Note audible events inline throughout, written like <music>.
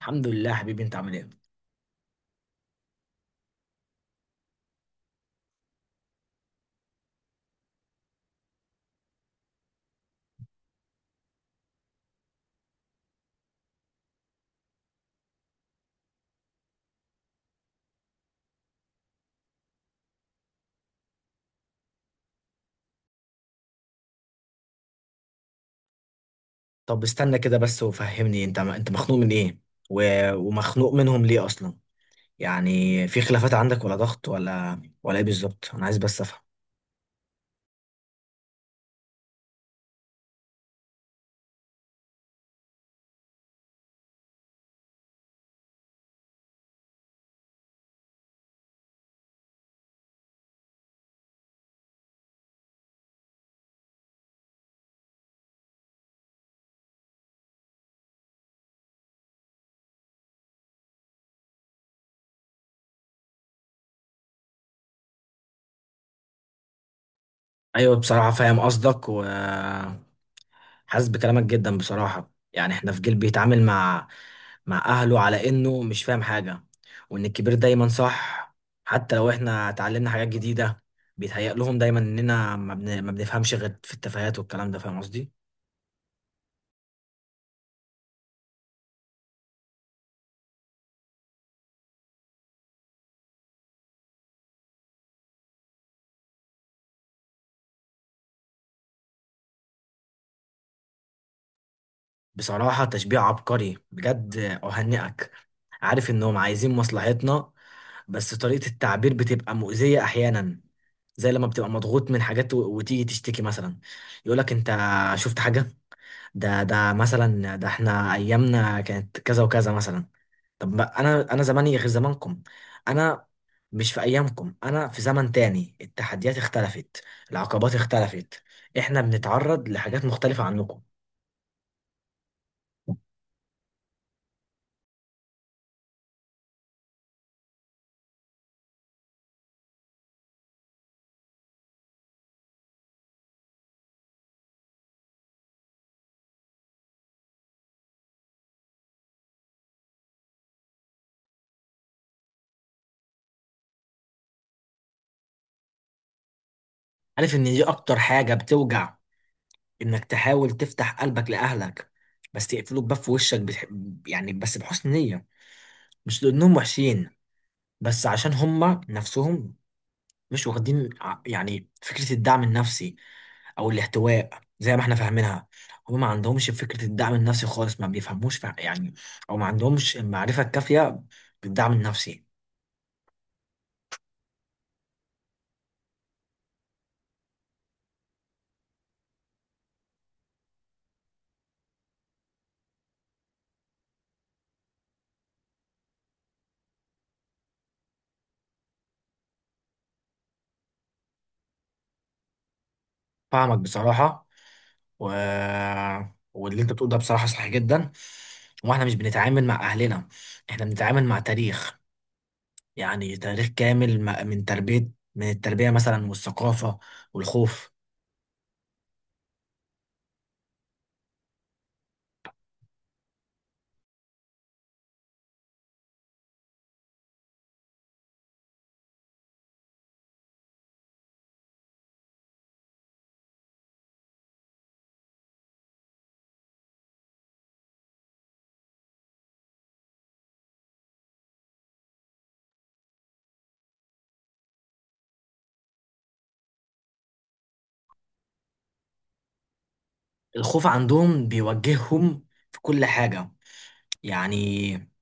الحمد لله، حبيبي. انت عامل ايه؟ طب استنى كده بس وفهمني. انت مخنوق من ايه، و... ومخنوق منهم ليه اصلا؟ يعني في خلافات عندك ولا ضغط ولا ايه بالظبط؟ انا عايز بس افهم. ايوه، بصراحه فاهم قصدك وحاسس بكلامك جدا. بصراحه يعني احنا في جيل بيتعامل مع اهله على انه مش فاهم حاجه، وان الكبير دايما صح، حتى لو احنا اتعلمنا حاجات جديده. بيتهيأ لهم دايما اننا ما بنفهمش غير في التفاهات والكلام ده. فاهم قصدي؟ بصراحة تشبيه عبقري بجد. أهنئك. عارف إنهم عايزين مصلحتنا، بس طريقة التعبير بتبقى مؤذية أحيانا، زي لما بتبقى مضغوط من حاجات وتيجي تشتكي مثلا. يقولك أنت شفت حاجة؟ ده مثلا، ده احنا أيامنا كانت كذا وكذا مثلا. طب ما أنا زماني غير زمانكم. أنا مش في أيامكم، أنا في زمن تاني. التحديات اختلفت، العقبات اختلفت، احنا بنتعرض لحاجات مختلفة عنكم. عارف ان دي اكتر حاجة بتوجع، انك تحاول تفتح قلبك لأهلك بس يقفلوا الباب في وشك. يعني بس بحسن نية، مش لأنهم وحشين، بس عشان هما نفسهم مش واخدين يعني فكرة الدعم النفسي او الاحتواء زي ما احنا فاهمينها. هما ما عندهمش فكرة الدعم النفسي خالص، ما بيفهموش يعني، او ما عندهمش المعرفة الكافية بالدعم النفسي. فاهمك بصراحة، و... واللي انت بتقوله ده بصراحة صح جدا. واحنا مش بنتعامل مع اهلنا، احنا بنتعامل مع تاريخ. يعني تاريخ كامل من التربية مثلا، والثقافة، والخوف. الخوف عندهم بيوجههم في كل حاجة. يعني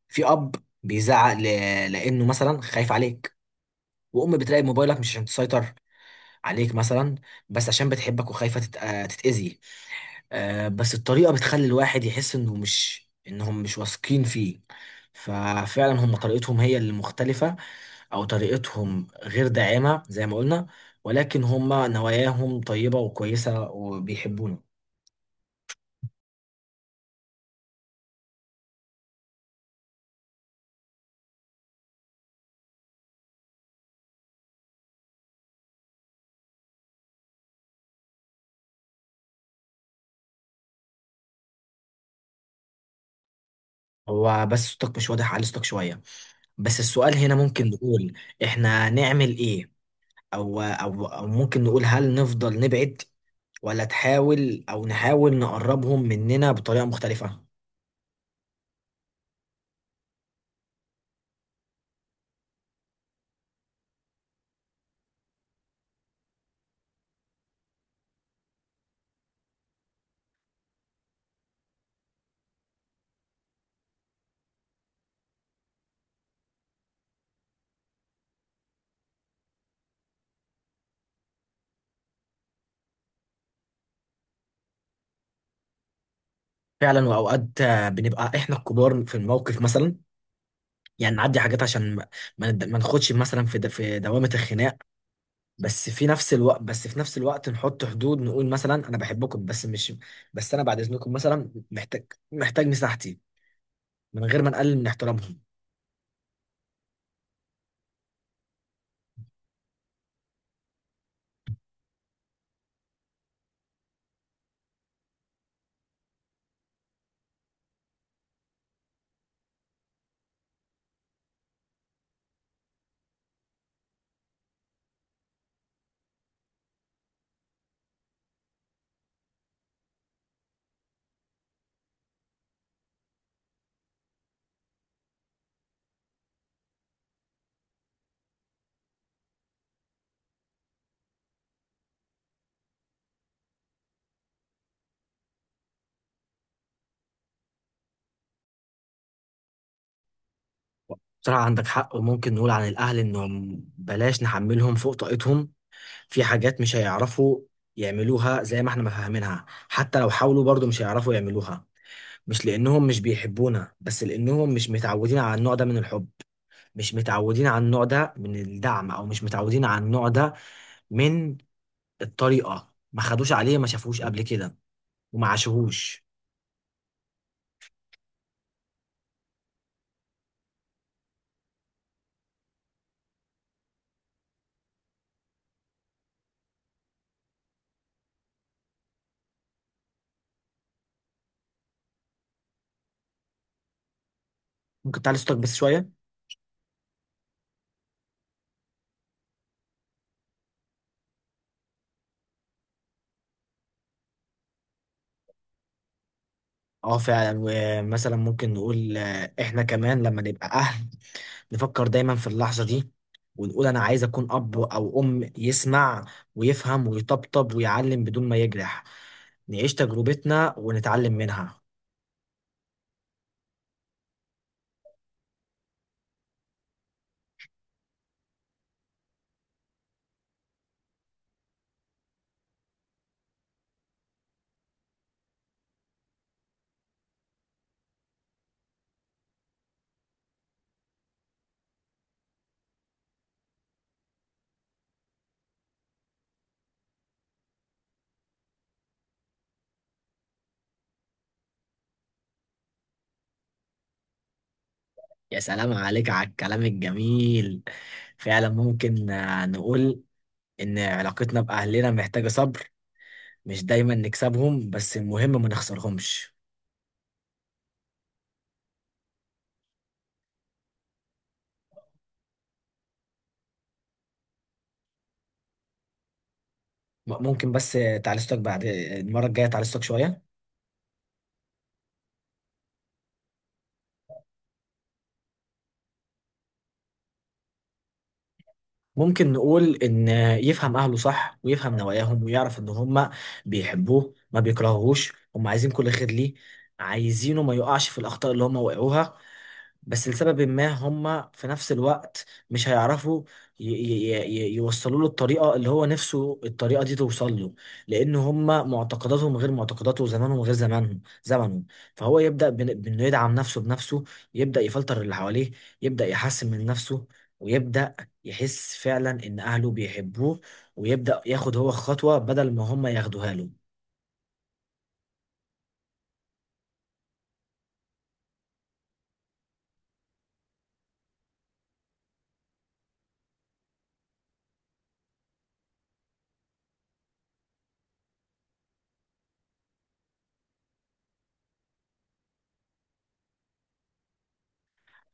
في اب بيزعق لانه مثلا خايف عليك، وام بتراقب موبايلك مش عشان تسيطر عليك مثلا، بس عشان بتحبك وخايفة تتأذي. بس الطريقة بتخلي الواحد يحس انهم مش واثقين فيه. ففعلا هم طريقتهم هي اللي مختلفة، او طريقتهم غير داعمة زي ما قلنا، ولكن هم نواياهم طيبة وكويسة وبيحبونا. هو بس صوتك مش واضح علي، صوتك شوية. بس السؤال هنا ممكن نقول احنا نعمل ايه؟ او ممكن نقول هل نفضل نبعد، ولا تحاول او نحاول نقربهم مننا بطريقة مختلفة؟ فعلا، واوقات بنبقى احنا الكبار في الموقف مثلا. يعني نعدي حاجات عشان ما نخدش مثلا في دوامة الخناق. بس في نفس الوقت نحط حدود، نقول مثلا انا بحبكم، بس مش بس انا بعد اذنكم مثلا محتاج مساحتي من غير ما نقلل من احترامهم. بصراحة عندك حق. وممكن نقول عن الاهل انهم بلاش نحملهم فوق طاقتهم. في حاجات مش هيعرفوا يعملوها زي ما احنا ما فاهمينها، حتى لو حاولوا برضو مش هيعرفوا يعملوها. مش لأنهم مش بيحبونا، بس لأنهم مش متعودين على النوع ده من الحب، مش متعودين على النوع ده من الدعم، أو مش متعودين على النوع ده من الطريقة، ما خدوش عليه، ما شافوش قبل كده، وما عاشوهوش. ممكن تعلي صوتك بس شوية. اه فعلا، ومثلا ممكن نقول احنا كمان لما نبقى أهل. <laughs> نفكر دايما في اللحظة دي، ونقول أنا عايز أكون أب أو أم يسمع ويفهم ويطبطب ويعلم بدون ما يجرح. نعيش تجربتنا ونتعلم منها. يا سلام عليك على الكلام الجميل. فعلا ممكن نقول إن علاقتنا بأهلنا محتاجة صبر، مش دايما نكسبهم، بس المهم ما نخسرهمش. ممكن بس تعالجتك بعد المرة الجاية، تعالجتك شوية. ممكن نقول إن يفهم أهله صح، ويفهم نواياهم، ويعرف إن هما بيحبوه ما بيكرهوهوش. هما عايزين كل خير ليه، عايزينه ما يقعش في الأخطاء اللي هما وقعوها. بس لسبب ما هم في نفس الوقت مش هيعرفوا يوصلوا له الطريقة اللي هو نفسه الطريقة دي توصل له. لأن هم معتقداتهم غير معتقداته، وزمانهم غير زمنه. فهو يبدأ بإنه يدعم نفسه بنفسه، يبدأ يفلتر اللي حواليه، يبدأ يحسن من نفسه، ويبدأ يحس فعلا إن أهله بيحبوه، ويبدأ ياخد هو خطوة بدل ما هم ياخدوها له.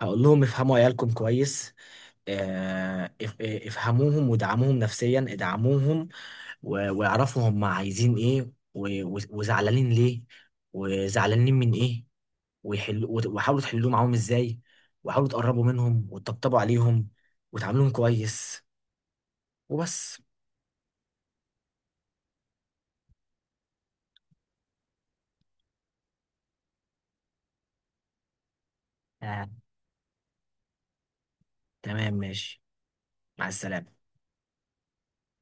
هقول لهم افهموا عيالكم كويس. افهموهم ودعموهم نفسيا، ادعموهم، واعرفوا هم عايزين ايه، وزعلانين ليه، وزعلانين من ايه، وحاولوا تحلوه معاهم ازاي، وحاولوا تقربوا منهم وتطبطبوا عليهم، وتعاملوهم كويس. وبس. آه. تمام، ماشي. مع السلامة.